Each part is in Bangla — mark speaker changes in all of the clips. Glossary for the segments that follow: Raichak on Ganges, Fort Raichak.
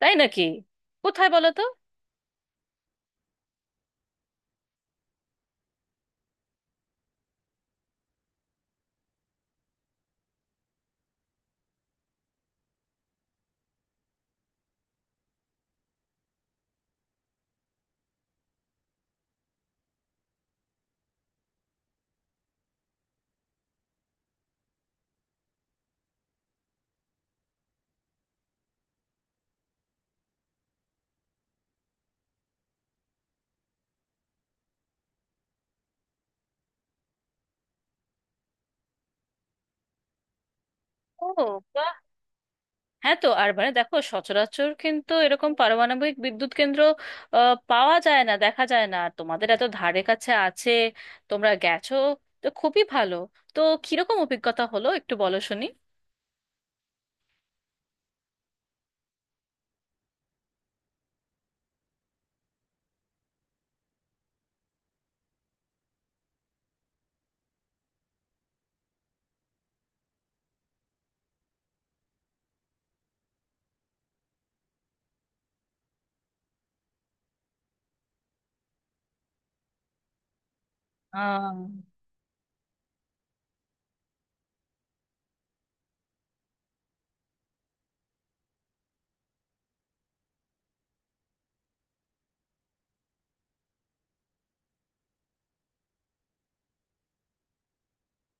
Speaker 1: তাই নাকি? কোথায় বলো তো? ও, বাহ। হ্যাঁ, তো আর মানে দেখো, সচরাচর কিন্তু এরকম পারমাণবিক বিদ্যুৎ কেন্দ্র পাওয়া যায় না, দেখা যায় না, আর তোমাদের এত ধারে কাছে আছে, তোমরা গেছো, তো খুবই ভালো। তো কিরকম অভিজ্ঞতা হলো একটু বলো শুনি। আহ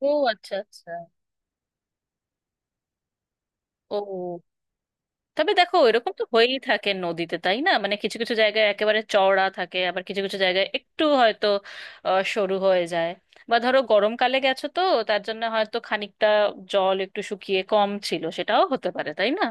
Speaker 1: ও, আচ্ছা আচ্ছা। ও, তবে দেখো এরকম তো হয়েই থাকে নদীতে, তাই না? মানে কিছু কিছু জায়গায় একেবারে চওড়া থাকে, আবার কিছু কিছু জায়গায় একটু হয়তো সরু হয়ে যায়। বা ধরো গরমকালে গেছো তো, তার জন্য হয়তো খানিকটা জল একটু শুকিয়ে কম ছিল, সেটাও হতে পারে, তাই না?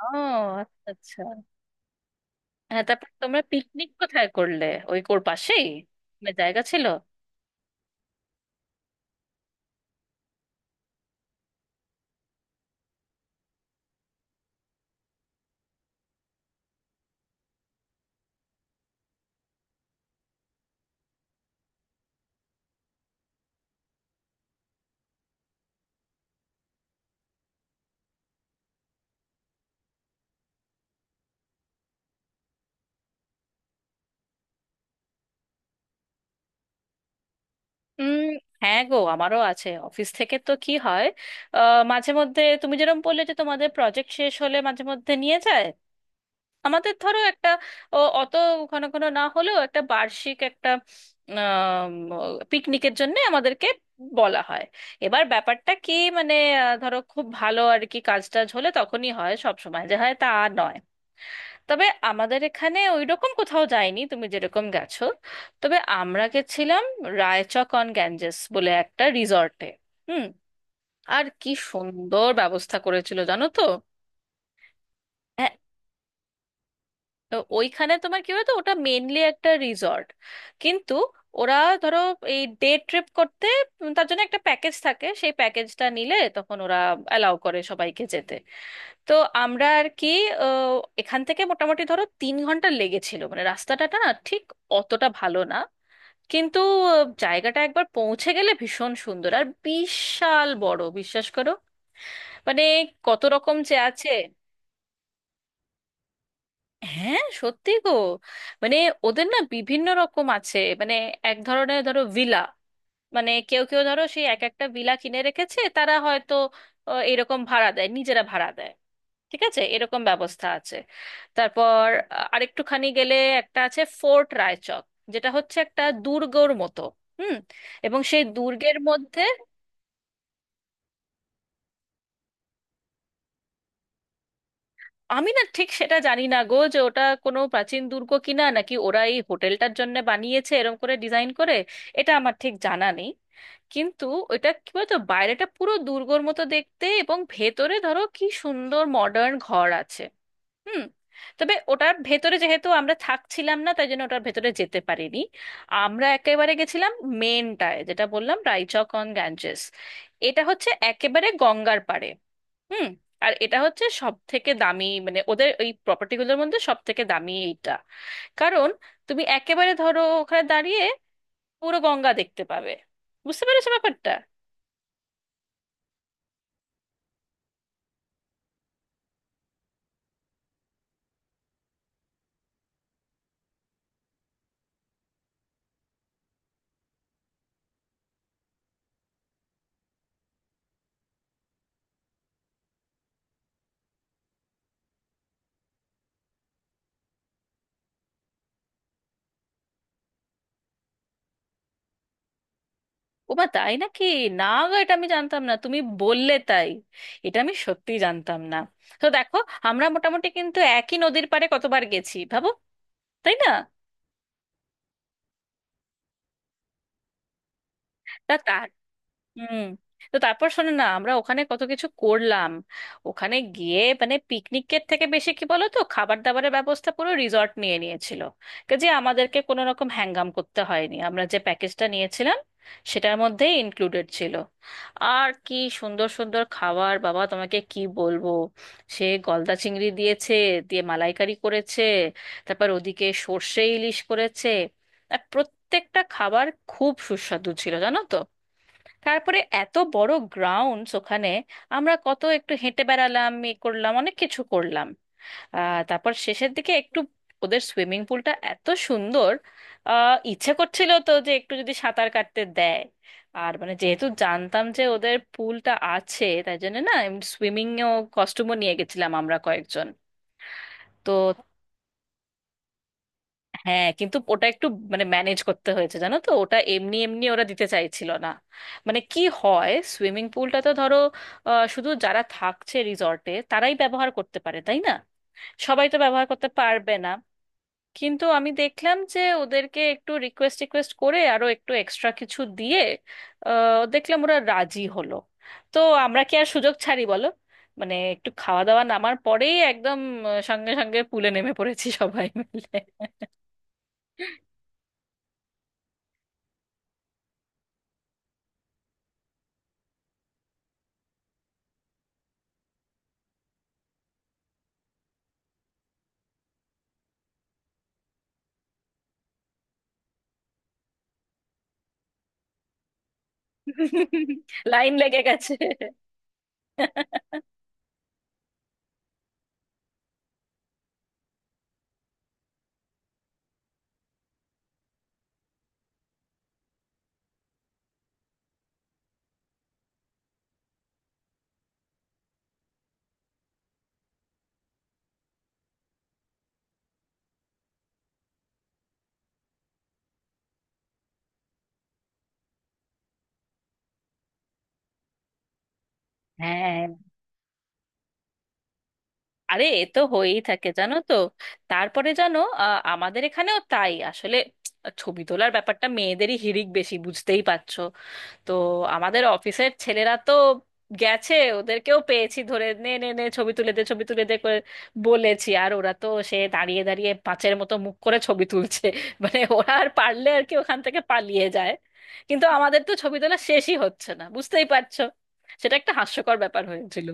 Speaker 1: ও, আচ্ছা আচ্ছা। হ্যাঁ, তারপর তোমরা পিকনিক কোথায় করলে? ওই কোর পাশেই? মানে জায়গা ছিল? উম, হ্যাঁ গো, আমারও আছে। অফিস থেকে তো কি হয়, মাঝে মধ্যে তুমি যেরকম বললে যে তোমাদের প্রজেক্ট শেষ হলে মাঝে মধ্যে নিয়ে যায়, আমাদের ধরো একটা ও অত ঘন ঘন না হলেও একটা বার্ষিক একটা পিকনিকের জন্য আমাদেরকে বলা হয়। এবার ব্যাপারটা কি মানে, ধরো খুব ভালো আর কি কাজ টাজ হলে তখনই হয়, সব সময় যে হয় তা নয়। তবে আমাদের এখানে ওইরকম কোথাও যায়নি তুমি যেরকম গেছো, তবে আমরা গেছিলাম রায়চক অন গ্যাঞ্জেস বলে একটা রিসর্টে। হুম, আর কি সুন্দর ব্যবস্থা করেছিল জানো তো। তো ওইখানে তোমার কি বলতো, ওটা মেনলি একটা রিসর্ট, কিন্তু ওরা ধরো এই ডে ট্রিপ করতে, উম, তার জন্য একটা প্যাকেজ থাকে, সেই প্যাকেজটা নিলে তখন ওরা অ্যালাউ করে সবাইকে যেতে। তো আমরা আর কি, আহ, এখান থেকে মোটামুটি ধরো 3 ঘন্টা লেগেছিল, মানে রাস্তাটা না ঠিক অতটা ভালো না, কিন্তু জায়গাটা একবার পৌঁছে গেলে ভীষণ সুন্দর আর বিশাল বড়, বিশ্বাস করো। মানে কত রকম যে আছে। হ্যাঁ সত্যি গো, মানে ওদের না বিভিন্ন রকম আছে, মানে এক ধরনের ধরো ভিলা, মানে কেউ কেউ ধরো সেই এক একটা ভিলা কিনে রেখেছে, তারা হয়তো এরকম ভাড়া দেয়, নিজেরা ভাড়া দেয়। ঠিক আছে, এরকম ব্যবস্থা আছে। তারপর আরেকটুখানি গেলে একটা আছে ফোর্ট রায়চক, যেটা হচ্ছে একটা দুর্গর মতো। হুম, এবং সেই দুর্গের মধ্যে, আমি না ঠিক সেটা জানি না গো, যে ওটা কোনো প্রাচীন দুর্গ কিনা, নাকি ওরা এই হোটেলটার জন্য বানিয়েছে এরকম করে ডিজাইন করে, এটা আমার ঠিক জানা নেই। কিন্তু ওটা কি বলতো, বাইরেটা পুরো দুর্গর মতো দেখতে, এবং ভেতরে ধরো কি সুন্দর মডার্ন ঘর আছে। হুম, তবে ওটার ভেতরে যেহেতু আমরা থাকছিলাম না, তাই জন্য ওটার ভেতরে যেতে পারিনি। আমরা একেবারে গেছিলাম মেনটায়, যেটা বললাম, রাইচক অন গ্যাঞ্জেস, এটা হচ্ছে একেবারে গঙ্গার পাড়ে। হুম, আর এটা হচ্ছে সব থেকে দামি, মানে ওদের ওই প্রপার্টিগুলোর মধ্যে সব থেকে দামি এইটা। কারণ তুমি একেবারে ধরো ওখানে দাঁড়িয়ে পুরো গঙ্গা দেখতে পাবে। বুঝতে পেরেছো ব্যাপারটা? ওমা, তাই নাকি! না গো, এটা আমি জানতাম না, তুমি বললে তাই। এটা আমি সত্যি জানতাম না। তো দেখো, আমরা মোটামুটি কিন্তু একই নদীর পাড়ে কতবার গেছি ভাবো, তাই না? তা তা। হুম। তো তারপর শোনো না, আমরা ওখানে কত কিছু করলাম। ওখানে গিয়ে মানে পিকনিকের থেকে বেশি কি বলো তো, খাবার দাবারের ব্যবস্থা পুরো রিসর্ট নিয়ে নিয়েছিল। কাজে আমাদেরকে কোনো রকম হ্যাঙ্গাম করতে হয়নি, আমরা যে প্যাকেজটা নিয়েছিলাম সেটার মধ্যেই ইনক্লুডেড ছিল। আর কি সুন্দর সুন্দর খাবার, বাবা তোমাকে কি বলবো। সে গলদা চিংড়ি দিয়েছে, দিয়ে মালাইকারি করেছে, তারপর ওদিকে সর্ষে ইলিশ করেছে, আর প্রত্যেকটা খাবার খুব সুস্বাদু ছিল জানো তো। তারপরে এত বড় গ্রাউন্ডস ওখানে, আমরা কত একটু হেঁটে বেড়ালাম, এ করলাম, অনেক কিছু করলাম। তারপর শেষের দিকে একটু ওদের সুইমিং পুলটা এত সুন্দর, ইচ্ছে করছিল তো যে একটু যদি সাঁতার কাটতে দেয়। আর মানে যেহেতু জানতাম যে ওদের পুলটা আছে তাই জন্য না, সুইমিং এও কস্টিউমও নিয়ে গেছিলাম আমরা কয়েকজন। তো হ্যাঁ, কিন্তু ওটা একটু মানে ম্যানেজ করতে হয়েছে জানো তো, ওটা এমনি এমনি ওরা দিতে চাইছিল না। মানে কি হয়, সুইমিং পুলটা তো ধরো শুধু যারা থাকছে রিসর্টে তারাই ব্যবহার করতে পারে, তাই না? সবাই তো ব্যবহার করতে পারবে না। কিন্তু আমি দেখলাম যে ওদেরকে একটু রিকোয়েস্ট রিকোয়েস্ট করে আরো একটু এক্সট্রা কিছু দিয়ে দেখলাম ওরা রাজি হলো। তো আমরা কি আর সুযোগ ছাড়ি, বলো? মানে একটু খাওয়া দাওয়া নামার পরেই একদম সঙ্গে সঙ্গে পুলে নেমে পড়েছি সবাই মিলে। লাইন লেগে গেছে। হ্যাঁ, আরে এ তো হয়েই থাকে জানো তো। তারপরে জানো, আমাদের এখানেও তাই আসলে, ছবি তোলার ব্যাপারটা মেয়েদেরই হিড়িক বেশি, বুঝতেই পারছো। তো আমাদের অফিসের ছেলেরা তো গেছে, ওদেরকেও পেয়েছি, ধরে নে নে নে ছবি তুলে দে, ছবি তুলে দে করে বলেছি, আর ওরা তো সে দাঁড়িয়ে দাঁড়িয়ে পাঁচের মতো মুখ করে ছবি তুলছে। মানে ওরা আর পারলে আর কি ওখান থেকে পালিয়ে যায়। কিন্তু আমাদের তো ছবি তোলা শেষই হচ্ছে না, বুঝতেই পারছো। সেটা একটা হাস্যকর ব্যাপার হয়েছিল।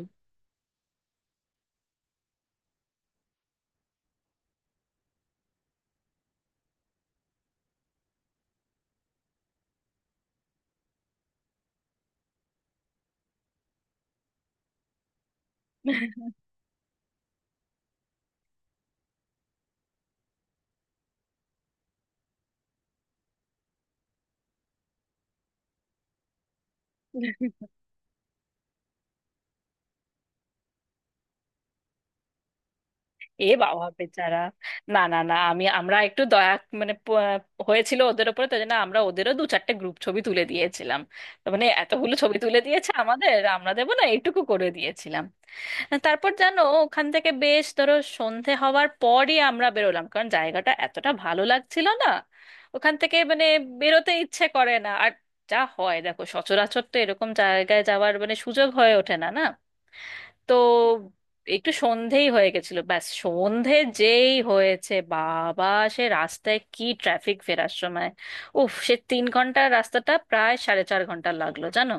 Speaker 1: এ বাবা, বেচারা। না না না, আমরা একটু দয়া মানে হয়েছিল ওদের ওপরে, তাই জন্য আমরা ওদেরও দু চারটে গ্রুপ ছবি তুলে দিয়েছিলাম। তো মানে এতগুলো ছবি তুলে দিয়েছে আমাদের, আমরা দেবো না? এইটুকু করে দিয়েছিলাম। তারপর জানো, ওখান থেকে বেশ ধরো সন্ধে হওয়ার পরই আমরা বেরোলাম, কারণ জায়গাটা এতটা ভালো লাগছিল না ওখান থেকে মানে বেরোতে ইচ্ছে করে না আর। যা হয় দেখো, সচরাচর তো এরকম জায়গায় যাওয়ার মানে সুযোগ হয়ে ওঠে না না। তো একটু সন্ধেই হয়ে গেছিল, ব্যাস সন্ধে যেই হয়েছে, বাবা সে রাস্তায় কি ট্রাফিক ফেরার সময়। উফ, সে 3 ঘন্টার রাস্তাটা প্রায় 4.5 ঘন্টা লাগলো জানো।